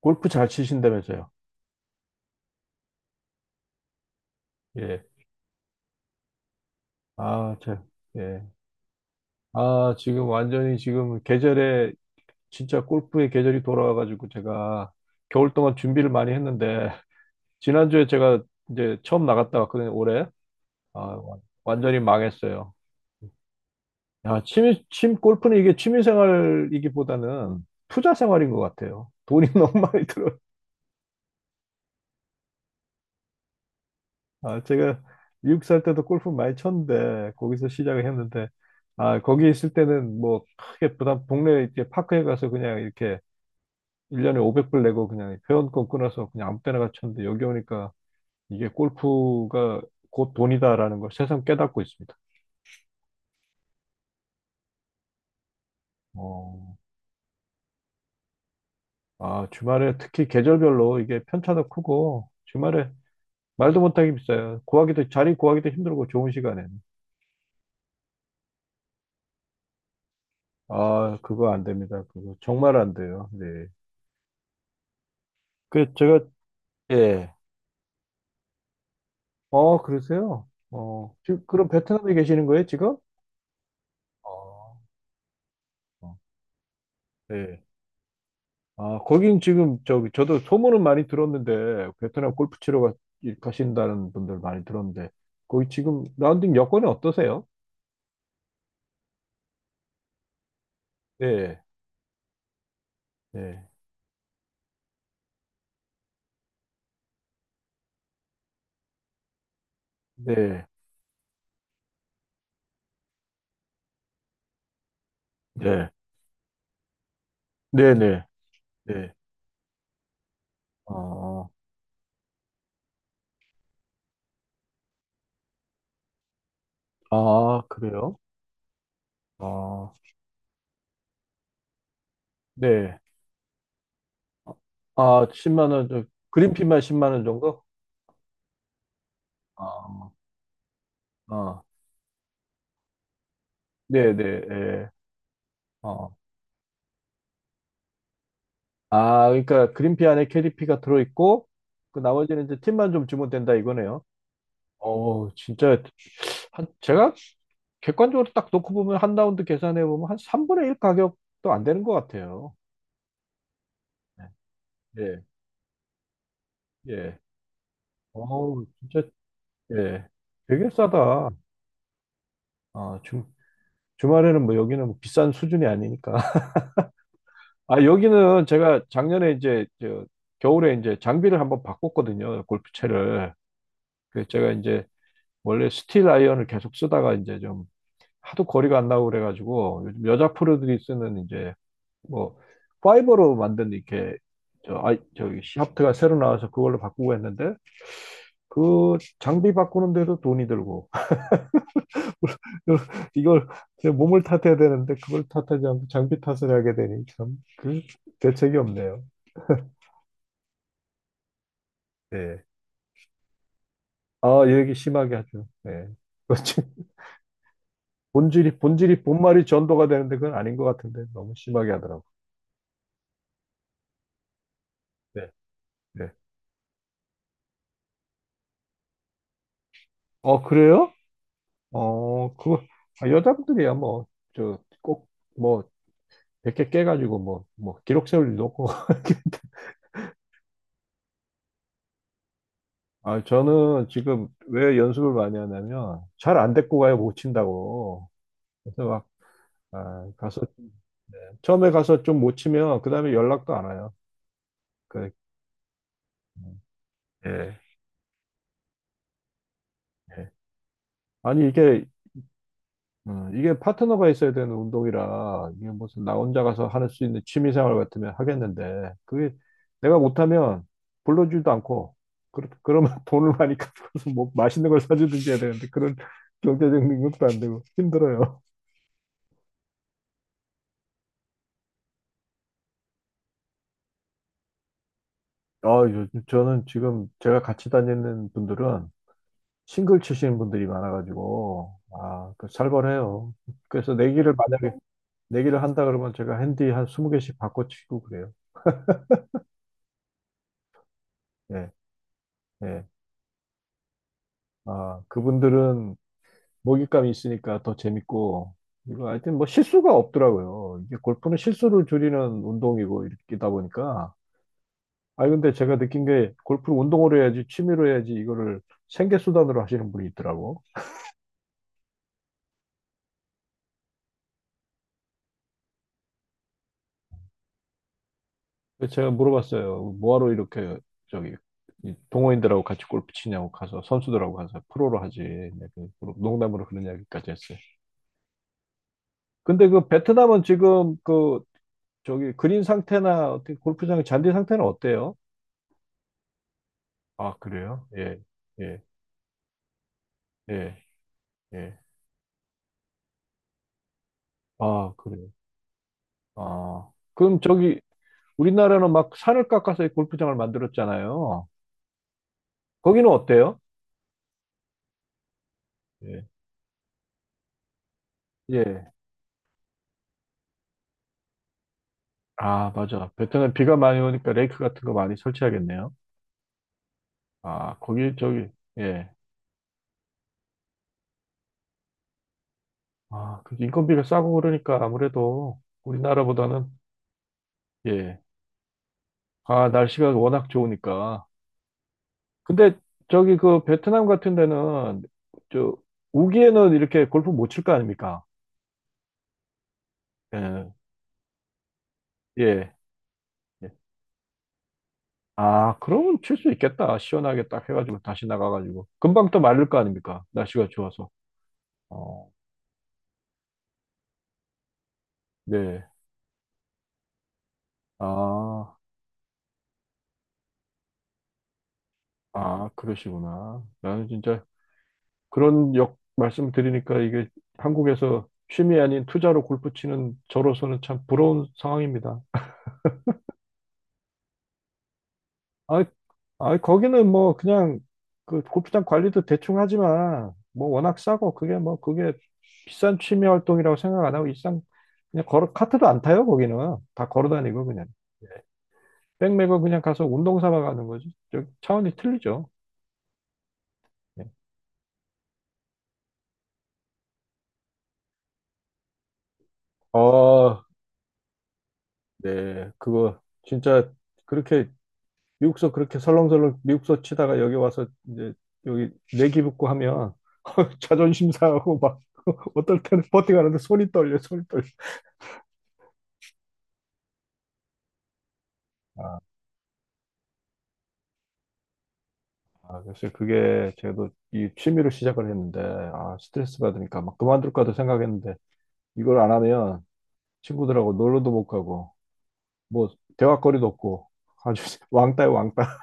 골프 잘 치신다면서요? 예. 아, 참. 예. 아, 지금 완전히 지금 계절에 진짜 골프의 계절이 돌아와가지고 제가 겨울 동안 준비를 많이 했는데 지난주에 제가 이제 처음 나갔다 왔거든요, 올해. 아, 완전히 망했어요. 야, 골프는 이게 취미생활이기보다는 투자생활인 것 같아요. 돈이 너무 많이 들어요. 아, 제가 미국 살 때도 골프 많이 쳤는데 거기서 시작을 했는데, 아, 거기 있을 때는 뭐 크게 부담 동네 이렇게 파크에 가서 그냥 이렇게 1년에 500불 내고 그냥 회원권 끊어서 그냥 아무 때나 가 쳤는데, 여기 오니까 이게 골프가 곧 돈이다라는 걸 새삼 깨닫고 있습니다. 어, 아, 주말에 특히 계절별로 이게 편차도 크고 주말에 말도 못하게 비싸요. 구하기도, 자리 구하기도 힘들고, 좋은 시간에는. 아, 그거 안 됩니다. 그거 정말 안 돼요. 네. 그 제가 예. 어, 그러세요? 어, 지금 그럼 베트남에 계시는 거예요, 지금? 어, 어. 네. 아, 거긴 지금 저기 저도 소문은 많이 들었는데 베트남 골프 치러 가신다는 분들 많이 들었는데, 거기 지금 라운딩 여건이 어떠세요? 네, 네, 네, 네, 네, 네, 네. 아, 아, 그래요? 아, 네. 아, 10만 원, 저, 그린피만 10만 원 정도? 아, 아, 네, 네, 예. 아, 그러니까 그린피 안에 캐리피가 들어있고, 그 나머지는 이제 팁만 좀 주면 된다 이거네요. 어, 진짜 한 제가 객관적으로 딱 놓고 보면, 한 라운드 계산해 보면 한 3분의 1 가격도 안 되는 것 같아요. 네, 예, 예. 어우, 진짜 예. 되게 싸다. 아, 주말에는 뭐, 여기는 뭐 비싼 수준이 아니니까. 아, 여기는 제가 작년에 이제 저 겨울에 이제 장비를 한번 바꿨거든요. 골프채를. 그 제가 이제 원래 스틸 아이언을 계속 쓰다가 이제 좀 하도 거리가 안 나고 그래가지고, 요즘 여자 프로들이 쓰는 이제 뭐 파이버로 만든 이렇게 저 아이 저기 샤프트가 새로 나와서 그걸로 바꾸고 했는데, 그 장비 바꾸는데도 돈이 들고 이걸 제 몸을 탓해야 되는데 그걸 탓하지 않고 장비 탓을 하게 되니, 참 그 대책이 없네요. 예. 아, 얘기 심하게 하죠. 예. 그렇지. 본질이 본질이 본말이 전도가 되는데, 그건 아닌 것 같은데 너무 심하게 하더라고. 네. 네. 어, 그래요? 어, 그거, 아, 여자분들이야, 뭐, 저, 꼭, 뭐, 100개 깨가지고, 뭐, 뭐, 기록 세울 일도 없고. 아, 저는 지금 왜 연습을 많이 하냐면, 잘 안 데리고 가요, 못 친다고. 그래서 막, 아, 가서, 네. 처음에 가서 좀 못 치면, 그 다음에 연락도 안 와요. 그, 예. 예. 아니, 이게 어, 이게 파트너가 있어야 되는 운동이라, 이게 무슨 나 혼자 가서 할 수 있는 취미생활 같으면 하겠는데, 그게 내가 못하면 불러주지도 않고, 그러면 돈을 많이 갚아서 뭐 맛있는 걸 사주든지 해야 되는데, 그런 경제적 능력도 안 되고 힘들어요. 아, 요즘 저는 지금 제가 같이 다니는 분들은 싱글 치시는 분들이 많아가지고 아, 그 살벌해요. 그래서 내기를 만약에 내기를 한다 그러면, 제가 핸디 한 20개씩 바꿔 치고 그래요. 예, 예. 아, 그분들은 먹잇감이 있으니까 더 재밌고, 이거 하여튼 뭐 실수가 없더라고요. 이게 골프는 실수를 줄이는 운동이고, 이렇게다 보니까. 아, 근데 제가 느낀 게, 골프를 운동으로 해야지, 취미로 해야지, 이거를 생계수단으로 하시는 분이 있더라고. 그래서 제가 물어봤어요. 뭐하러 이렇게, 저기, 이 동호인들하고 같이 골프 치냐고, 가서, 선수들하고 가서 프로로 하지. 네, 그 농담으로 그런 이야기까지 했어요. 근데 그 베트남은 지금 그, 저기, 그린 상태나, 어떻게 골프장 잔디 상태는 어때요? 아, 그래요? 예. 예. 예, 예. 아, 그래요. 아, 그럼 저기 우리나라는 막 산을 깎아서 골프장을 만들었잖아요. 거기는 어때요? 예, 예. 아, 맞아. 베트남 비가 많이 오니까 레이크 같은 거 많이 설치하겠네요. 아, 거기 저기 예. 아, 그 인건비가 싸고 그러니까 아무래도 우리나라보다는. 예. 아, 날씨가 워낙 좋으니까. 근데 저기 그 베트남 같은 데는 저 우기에는 이렇게 골프 못 칠 거 아닙니까? 예. 예. 아, 그러면 칠 수 있겠다. 시원하게 딱 해가지고 다시 나가가지고. 금방 또 마를 거 아닙니까? 날씨가 좋아서. 어, 네. 아, 아, 그러시구나. 나는 진짜 그런 역 말씀 드리니까 이게 한국에서 취미 아닌 투자로 골프 치는 저로서는 참 부러운 상황입니다. 아, 아, 거기는 뭐 그냥 그 골프장 관리도 대충 하지만 뭐 워낙 싸고, 그게 뭐 그게 비싼 취미 활동이라고 생각 안 하고 일상 그냥 걸어, 카트도 안 타요 거기는, 다 걸어 다니고 그냥 예. 백메고 그냥 가서 운동 삼아 가는 거지. 저 차원이 틀리죠. 예. 아, 네. 그거 진짜 그렇게 미국서 그렇게 설렁설렁 미국서 치다가 여기 와서 이제 여기 내기 붙고 하면 자존심 상하고 막 어떨 때는 버팅하는데 손이 떨려, 손이 떨려. 아, 그래서 그게 저도 이 취미로 시작을 했는데, 아, 스트레스 받으니까 막 그만둘까도 생각했는데, 이걸 안 하면 친구들하고 놀러도 못 가고, 뭐, 대화거리도 없고, 아주 왕따요, 왕따.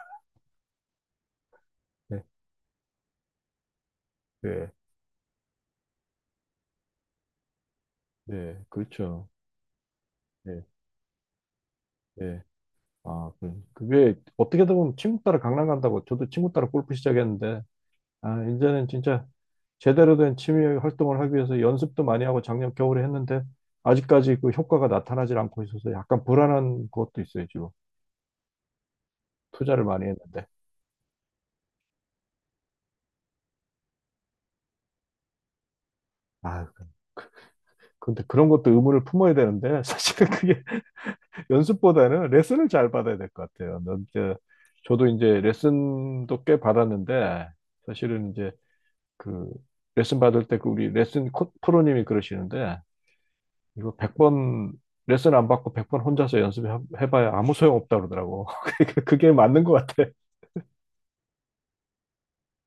네, 네, 네, 그렇죠. 네, 네. 그게 어떻게 보면 친구 따라 강남 간다고 저도 친구 따라 골프 시작했는데, 아, 이제는 진짜 제대로 된 취미 활동을 하기 위해서 연습도 많이 하고 작년 겨울에 했는데, 아직까지 그 효과가 나타나질 않고 있어서 약간 불안한 것도 있어요, 지금. 투자를 많이 했는데. 아, 그- 근데 그런 것도 의무를 품어야 되는데, 사실은 그게 연습보다는 레슨을 잘 받아야 될 것 같아요. 넌 이제 저도 이제 레슨도 꽤 받았는데 사실은 이제 그 레슨 받을 때 그 우리 레슨 프로님이 그러시는데, 이거 100번 레슨 안 받고 100번 혼자서 연습해봐야 아무 소용 없다 그러더라고. 그게 맞는 것 같아.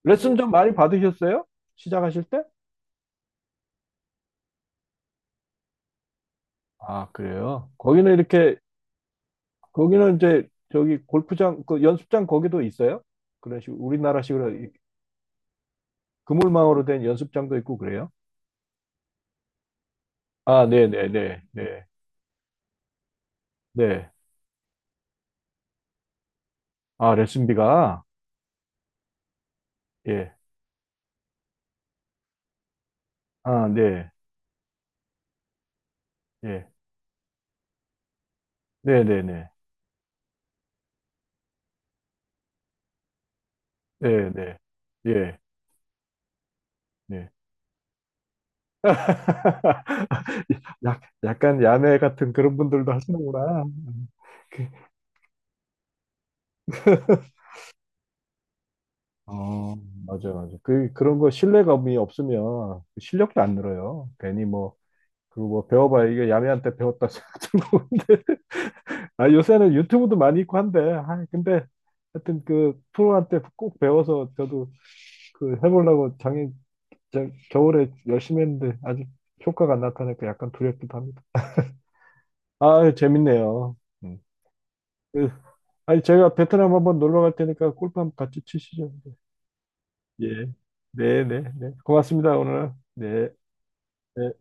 레슨 좀 많이 받으셨어요? 시작하실 때? 아, 그래요? 거기는 이렇게 거기는 이제 저기 골프장 그 연습장 거기도 있어요? 그런 식으로 우리나라식으로 그물망으로 된 연습장도 있고 그래요? 아, 네, 네, 네, 네, 네. 네. 아, 레슨비가 예, 아, 네, 예, 네, 네, 네, 네, 네, 예, 네. 약 약간 야매 같은 그런 분들도 하시는구나. 어, 맞아, 맞아. 그, 그런 거 신뢰감이 없으면 실력도 안 늘어요. 괜히 뭐, 그리고 뭐 배워봐야 이게 야매한테 배웠다 생각 들고 근데 아, 요새는 유튜브도 많이 있고 한데, 아, 근데 하여튼 그 프로한테 꼭 배워서 저도 그 해보려고 작년 겨울에 열심히 했는데, 아직 효과가 안 나타나니까 약간 두렵기도 합니다. 아, 재밌네요. 음. 그, 아니 제가 베트남 한번 놀러 갈 테니까 골프 한번 같이 치시죠. 예. 네, 네, 네. 고맙습니다 오늘. 네. 네.